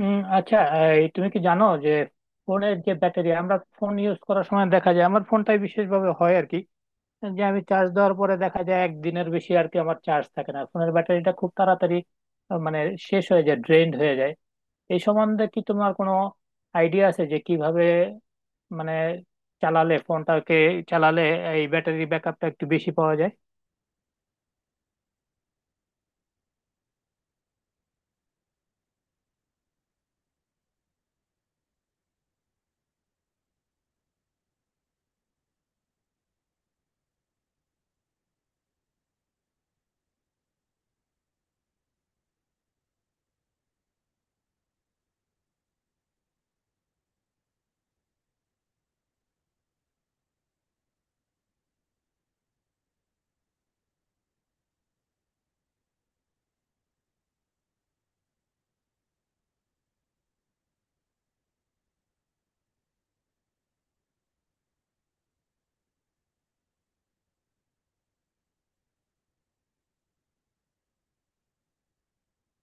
আচ্ছা। এই তুমি কি জানো যে ফোনের যে ব্যাটারি আমরা ফোন ইউজ করার সময় দেখা যায়, আমার ফোনটাই বিশেষভাবে হয় আর কি, যে আমি চার্জ দেওয়ার পরে দেখা যায় একদিনের বেশি আর কি আমার চার্জ থাকে না, ফোনের ব্যাটারিটা খুব তাড়াতাড়ি আহ, মানে শেষ হয়ে যায়, ড্রেনড হয়ে যায়। এই সম্বন্ধে কি তোমার কোনো আইডিয়া আছে যে কিভাবে মানে চালালে ফোনটাকে চালালে এই ব্যাটারি ব্যাকআপটা একটু বেশি পাওয়া যায়?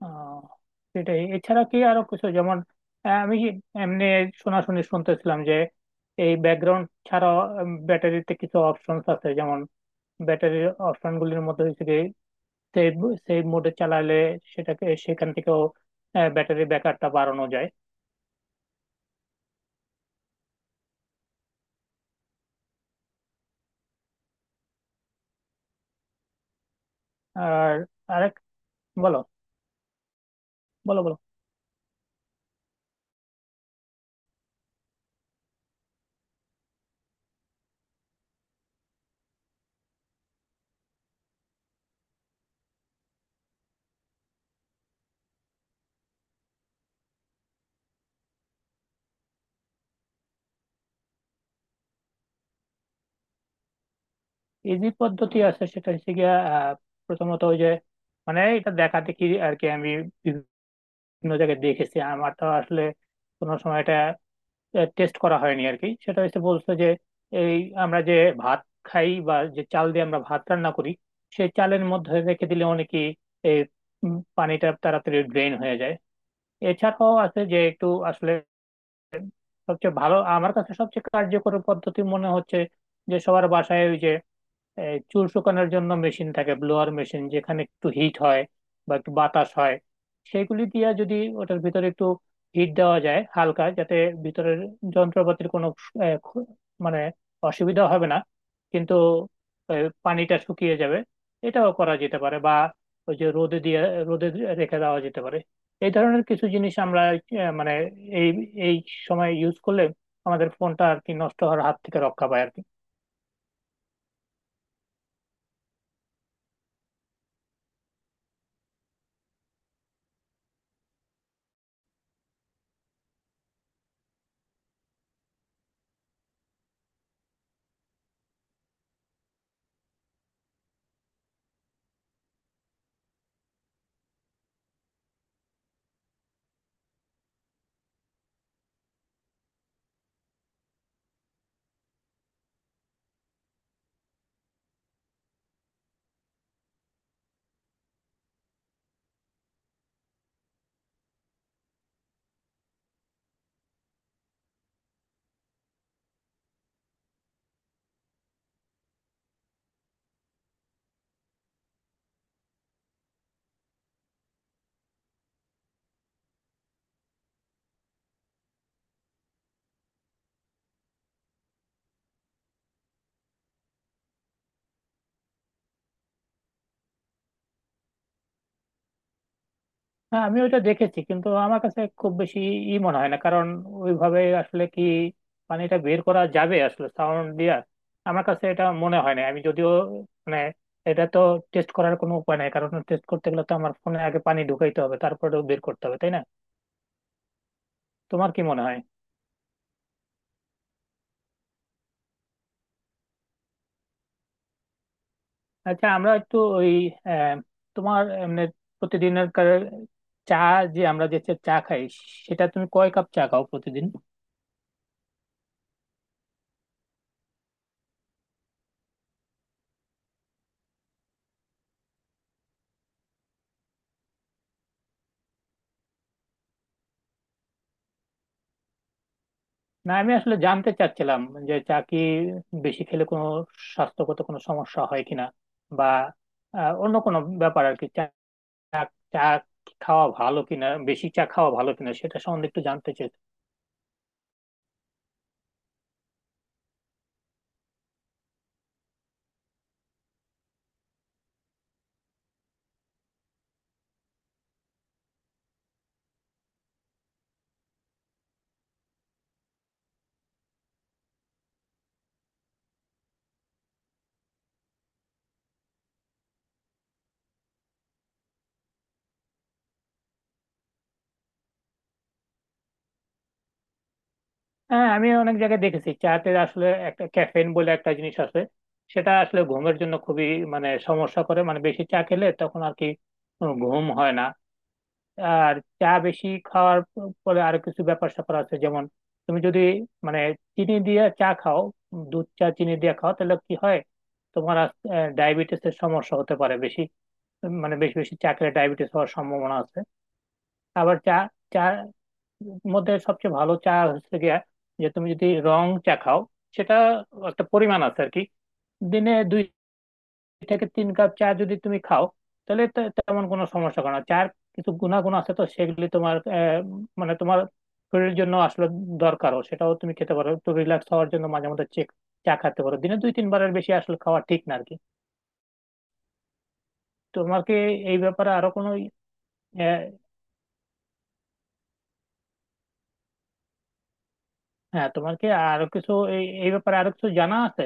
আহ, সেটাই, এছাড়া কি আরো কিছু? যেমন আমি এমনি শোনাশুনি শুনতেছিলাম যে এই ব্যাকগ্রাউন্ড ছাড়া ব্যাটারিতে কিছু অপশনস আছে, যেমন ব্যাটারির অপশন গুলির মধ্যে হচ্ছে কি সেভ, সেভ মোডে চালালে সেটাকে সেখান থেকেও ব্যাটারি ব্যাকআপটা বাড়ানো যায়। আর আরেক, বলো বলো বলো। ইজি পদ্ধতি আছে, সেটা হচ্ছে গিয়া প্রথমত ওই যে মানে এটা দেখা দেখি আর কি, আমি বিভিন্ন জায়গায় দেখেছি। আমার তো আসলে কোনো সময় এটা টেস্ট করা হয়নি আর কি। সেটা হচ্ছে বলছে যে এই আমরা যে ভাত খাই বা যে চাল দিয়ে আমরা ভাত রান্না করি, সেই চালের মধ্যে রেখে দিলে অনেকে এই পানিটা তাড়াতাড়ি ড্রেন হয়ে যায়। এছাড়াও আছে যে একটু আসলে সবচেয়ে ভালো, আমার কাছে সবচেয়ে কার্যকর পদ্ধতি মনে হচ্ছে যে সবার বাসায় ওই যে এই চুল শুকানোর জন্য মেশিন থাকে, ব্লোয়ার মেশিন, যেখানে একটু হিট হয় বা একটু বাতাস হয়, সেগুলি দিয়ে যদি ওটার ভিতরে একটু হিট দেওয়া যায় হালকা, যাতে ভিতরের যন্ত্রপাতির কোনো আহ, খ- মানে অসুবিধা হবে না, কিন্তু পানিটা শুকিয়ে যাবে। এটাও করা যেতে পারে, বা ওই যে রোদে দিয়ে, রোদে রেখে দেওয়া যেতে পারে। এই ধরনের কিছু জিনিস আমরা আহ, মানে এই এই সময় ইউজ করলে আমাদের ফোনটা আর কি নষ্ট হওয়ার হাত থেকে রক্ষা পায় আর কি। হ্যাঁ, আমি ওইটা দেখেছি কিন্তু আমার কাছে খুব বেশি ই মনে হয় না, কারণ ওইভাবে আসলে কি পানিটা বের করা যাবে আসলে সাউন্ড দিয়ে? আমার কাছে এটা মনে হয় না। আমি যদিও মানে এটা তো টেস্ট করার কোনো উপায় নাই, কারণ টেস্ট করতে গেলে তো আমার ফোনে আগে পানি ঢুকাইতে হবে, তারপরে বের করতে হবে, তাই না? তোমার কি মনে হয়? আচ্ছা, আমরা একটু ওই আহ, তোমার এমনি প্রতিদিনের চা, যে আমরা যে চা খাই, সেটা তুমি কয় কাপ চা খাও প্রতিদিন? না, আমি আসলে জানতে চাচ্ছিলাম যে চা কি বেশি খেলে কোনো স্বাস্থ্যগত কোনো সমস্যা হয় কিনা, বা অন্য কোনো ব্যাপার আর কি। চা চা খাওয়া ভালো কিনা, বেশি চা খাওয়া ভালো কিনা সেটা সম্বন্ধে একটু জানতে চাই। হ্যাঁ, আমি অনেক জায়গায় দেখেছি চাতে আসলে একটা ক্যাফেইন বলে একটা জিনিস আছে, সেটা আসলে ঘুমের জন্য খুবই মানে সমস্যা করে, মানে বেশি চা খেলে তখন আর কি ঘুম হয় না। আর চা বেশি খাওয়ার পরে আরো কিছু ব্যাপার স্যাপার আছে, যেমন তুমি যদি মানে চিনি দিয়ে চা খাও, দুধ চা চিনি দিয়ে খাও, তাহলে কি হয়? তোমার ডায়াবেটিস এর সমস্যা হতে পারে বেশি, মানে বেশি বেশি চা খেলে ডায়াবেটিস হওয়ার সম্ভাবনা আছে। আবার চা চা মধ্যে সবচেয়ে ভালো চা হচ্ছে গিয়া, যে তুমি যদি রং চা খাও, সেটা একটা পরিমাণ আছে আর কি। দিনে দুই থেকে তিন কাপ চা যদি তুমি খাও, তাহলে তেমন কোনো সমস্যা করে না। চার কিছু গুণাগুণ আছে, তো সেগুলি তোমার আহ, মানে তোমার শরীরের জন্য আসলে দরকারও। সেটাও তুমি খেতে পারো একটু রিল্যাক্স হওয়ার জন্য মাঝে মধ্যে। চেক চা খেতে পারো, দিনে দুই তিনবারের বেশি আসলে খাওয়া ঠিক না আর কি। তোমার কি এই ব্যাপারে আরো কোনো আহ, হ্যাঁ তোমার কি আরো কিছু এই এই ব্যাপারে আরো কিছু জানা আছে?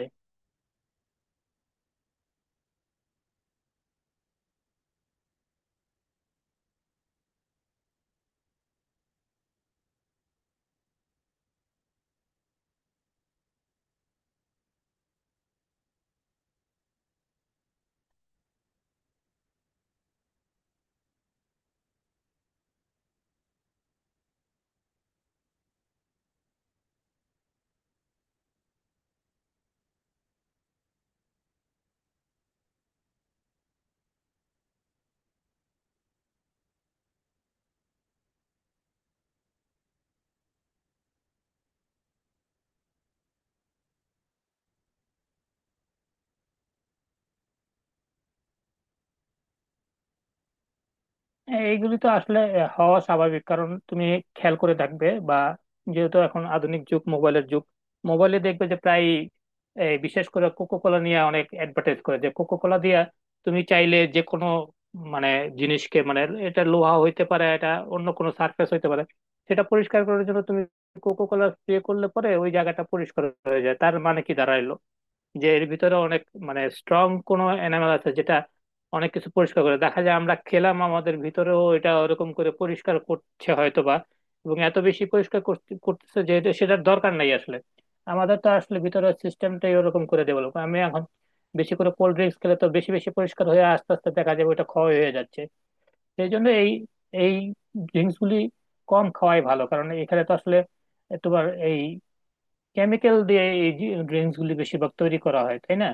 এইগুলি তো আসলে হওয়া স্বাভাবিক, কারণ তুমি খেয়াল করে দেখবে বা যেহেতু এখন আধুনিক যুগ, মোবাইলের যুগ, মোবাইলে দেখবে যে প্রায় এই বিশেষ করে কোকো কোলা নিয়ে অনেক অ্যাডভার্টাইজ করে যে কোকো কোলা দিয়ে তুমি চাইলে যে কোনো মানে জিনিসকে, মানে এটা লোহা হইতে পারে, এটা অন্য কোনো সারফেস হইতে পারে, সেটা পরিষ্কার করার জন্য তুমি কোকো কোলা স্প্রে করলে পরে ওই জায়গাটা পরিষ্কার হয়ে যায়। তার মানে কি দাঁড়াইলো, যে এর ভিতরে অনেক মানে স্ট্রং কোনো এনামেল আছে যেটা অনেক কিছু পরিষ্কার করে। দেখা যায় আমরা খেলাম, আমাদের ভিতরেও এটা ওরকম করে পরিষ্কার করছে হয়তোবা, এবং এত বেশি পরিষ্কার করতেছে যে সেটার দরকার নাই আসলে। আমাদের তো আসলে ভিতরের সিস্টেমটাই ওরকম করে ডেভেলপ, আমি এখন বেশি করে কোল্ড ড্রিঙ্কস খেলে তো বেশি বেশি পরিষ্কার হয়ে আস্তে আস্তে দেখা যাবে ওটা ক্ষয় হয়ে যাচ্ছে। সেই জন্য এই এই ড্রিঙ্কস গুলি কম খাওয়াই ভালো, কারণ এখানে তো আসলে তোমার এই কেমিক্যাল দিয়ে এই ড্রিঙ্কস গুলি বেশিরভাগ তৈরি করা হয়, তাই না?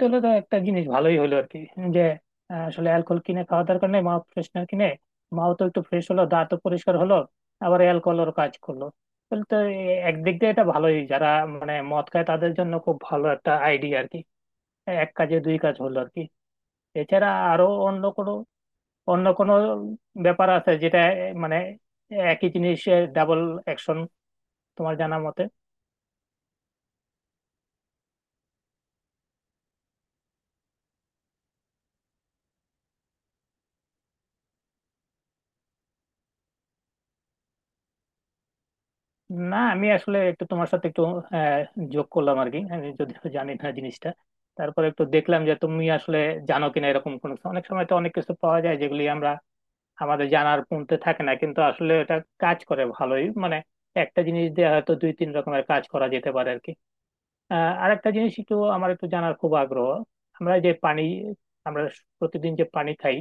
তাহলে তো একটা জিনিস ভালোই হলো আর কি, যে আসলে অ্যালকোহল কিনে খাওয়া দরকার নেই, মা ফ্রেশনার কিনে মাও তো একটু ফ্রেশ হলো, দাঁতও পরিষ্কার হলো, আবার অ্যালকোহলের কাজ করলো। তাহলে তো একদিক দিয়ে এটা ভালোই, যারা মানে মদ খায় তাদের জন্য খুব ভালো একটা আইডিয়া আর কি। এক কাজে দুই কাজ হলো আর কি। এছাড়া আরো অন্য কোনো ব্যাপার আছে যেটা এ, মানে একই জিনিস, ডাবল অ্যাকশন, তোমার জানা মতে? না, আমি আসলে একটু তোমার সাথে একটু আহ, যোগ করলাম আর কি। আমি যদিও জানি না জিনিসটা, তারপর একটু দেখলাম যে তুমি আসলে জানো কিনা এরকম কোনো কিছু। অনেক সময় তো অনেক কিছু পাওয়া যায় যেগুলি আমরা আমাদের জানার পুনতে থাকে না, কিন্তু আসলে এটা কাজ করে ভালোই, মানে একটা জিনিস দিয়ে হয়তো দুই তিন রকমের কাজ করা যেতে পারে আর কি। আরেকটা জিনিস একটু আমার একটু জানার খুব আগ্রহ। আমরা যে পানি আমরা প্রতিদিন যে পানি খাই,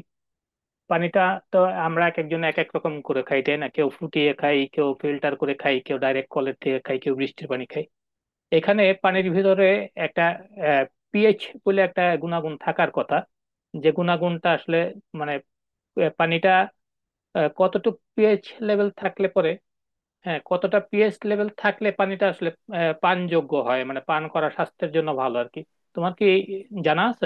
পানিটা তো আমরা এক একজন এক এক রকম করে খাই, তাই না? কেউ ফুটিয়ে খাই, কেউ ফিল্টার করে খাই, কেউ ডাইরেক্ট কলের থেকে খাই, কেউ বৃষ্টির পানি খাই। এখানে পানির ভিতরে একটা পিএইচ বলে একটা গুণাগুণ থাকার কথা, যে গুণাগুণটা আসলে মানে পানিটা কতটুকু পিএইচ লেভেল থাকলে পরে হ্যাঁ কতটা পিএইচ লেভেল থাকলে পানিটা আসলে পানযোগ্য হয়, মানে পান করা স্বাস্থ্যের জন্য ভালো আর কি? তোমার কি জানা আছে?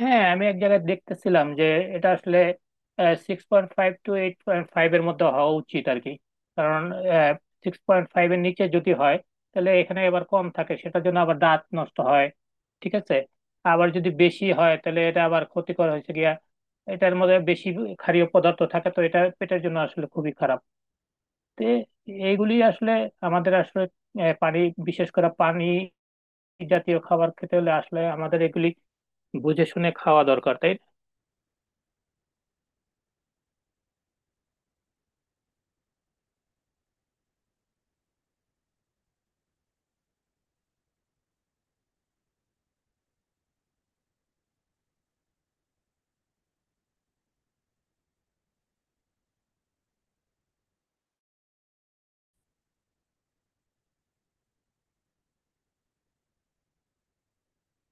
হ্যাঁ, আমি এক জায়গায় দেখতেছিলাম যে এটা আসলে 6.5 টু 8.5 এর মধ্যে হওয়া উচিত আর কি, কারণ 6.5 এর নিচে যদি হয় তাহলে এখানে আবার কম থাকে, সেটার জন্য আবার দাঁত নষ্ট হয়, ঠিক আছে। আবার যদি বেশি হয় তাহলে এটা আবার ক্ষতিকর হয়েছে গিয়া, এটার মধ্যে বেশি ক্ষারীয় পদার্থ থাকে, তো এটা পেটের জন্য আসলে খুবই খারাপ। তো এইগুলি আসলে আমাদের আসলে পানি, বিশেষ করে পানি জাতীয় খাবার খেতে হলে আসলে আমাদের এগুলি বুঝে শুনে খাওয়া দরকার, তাই না?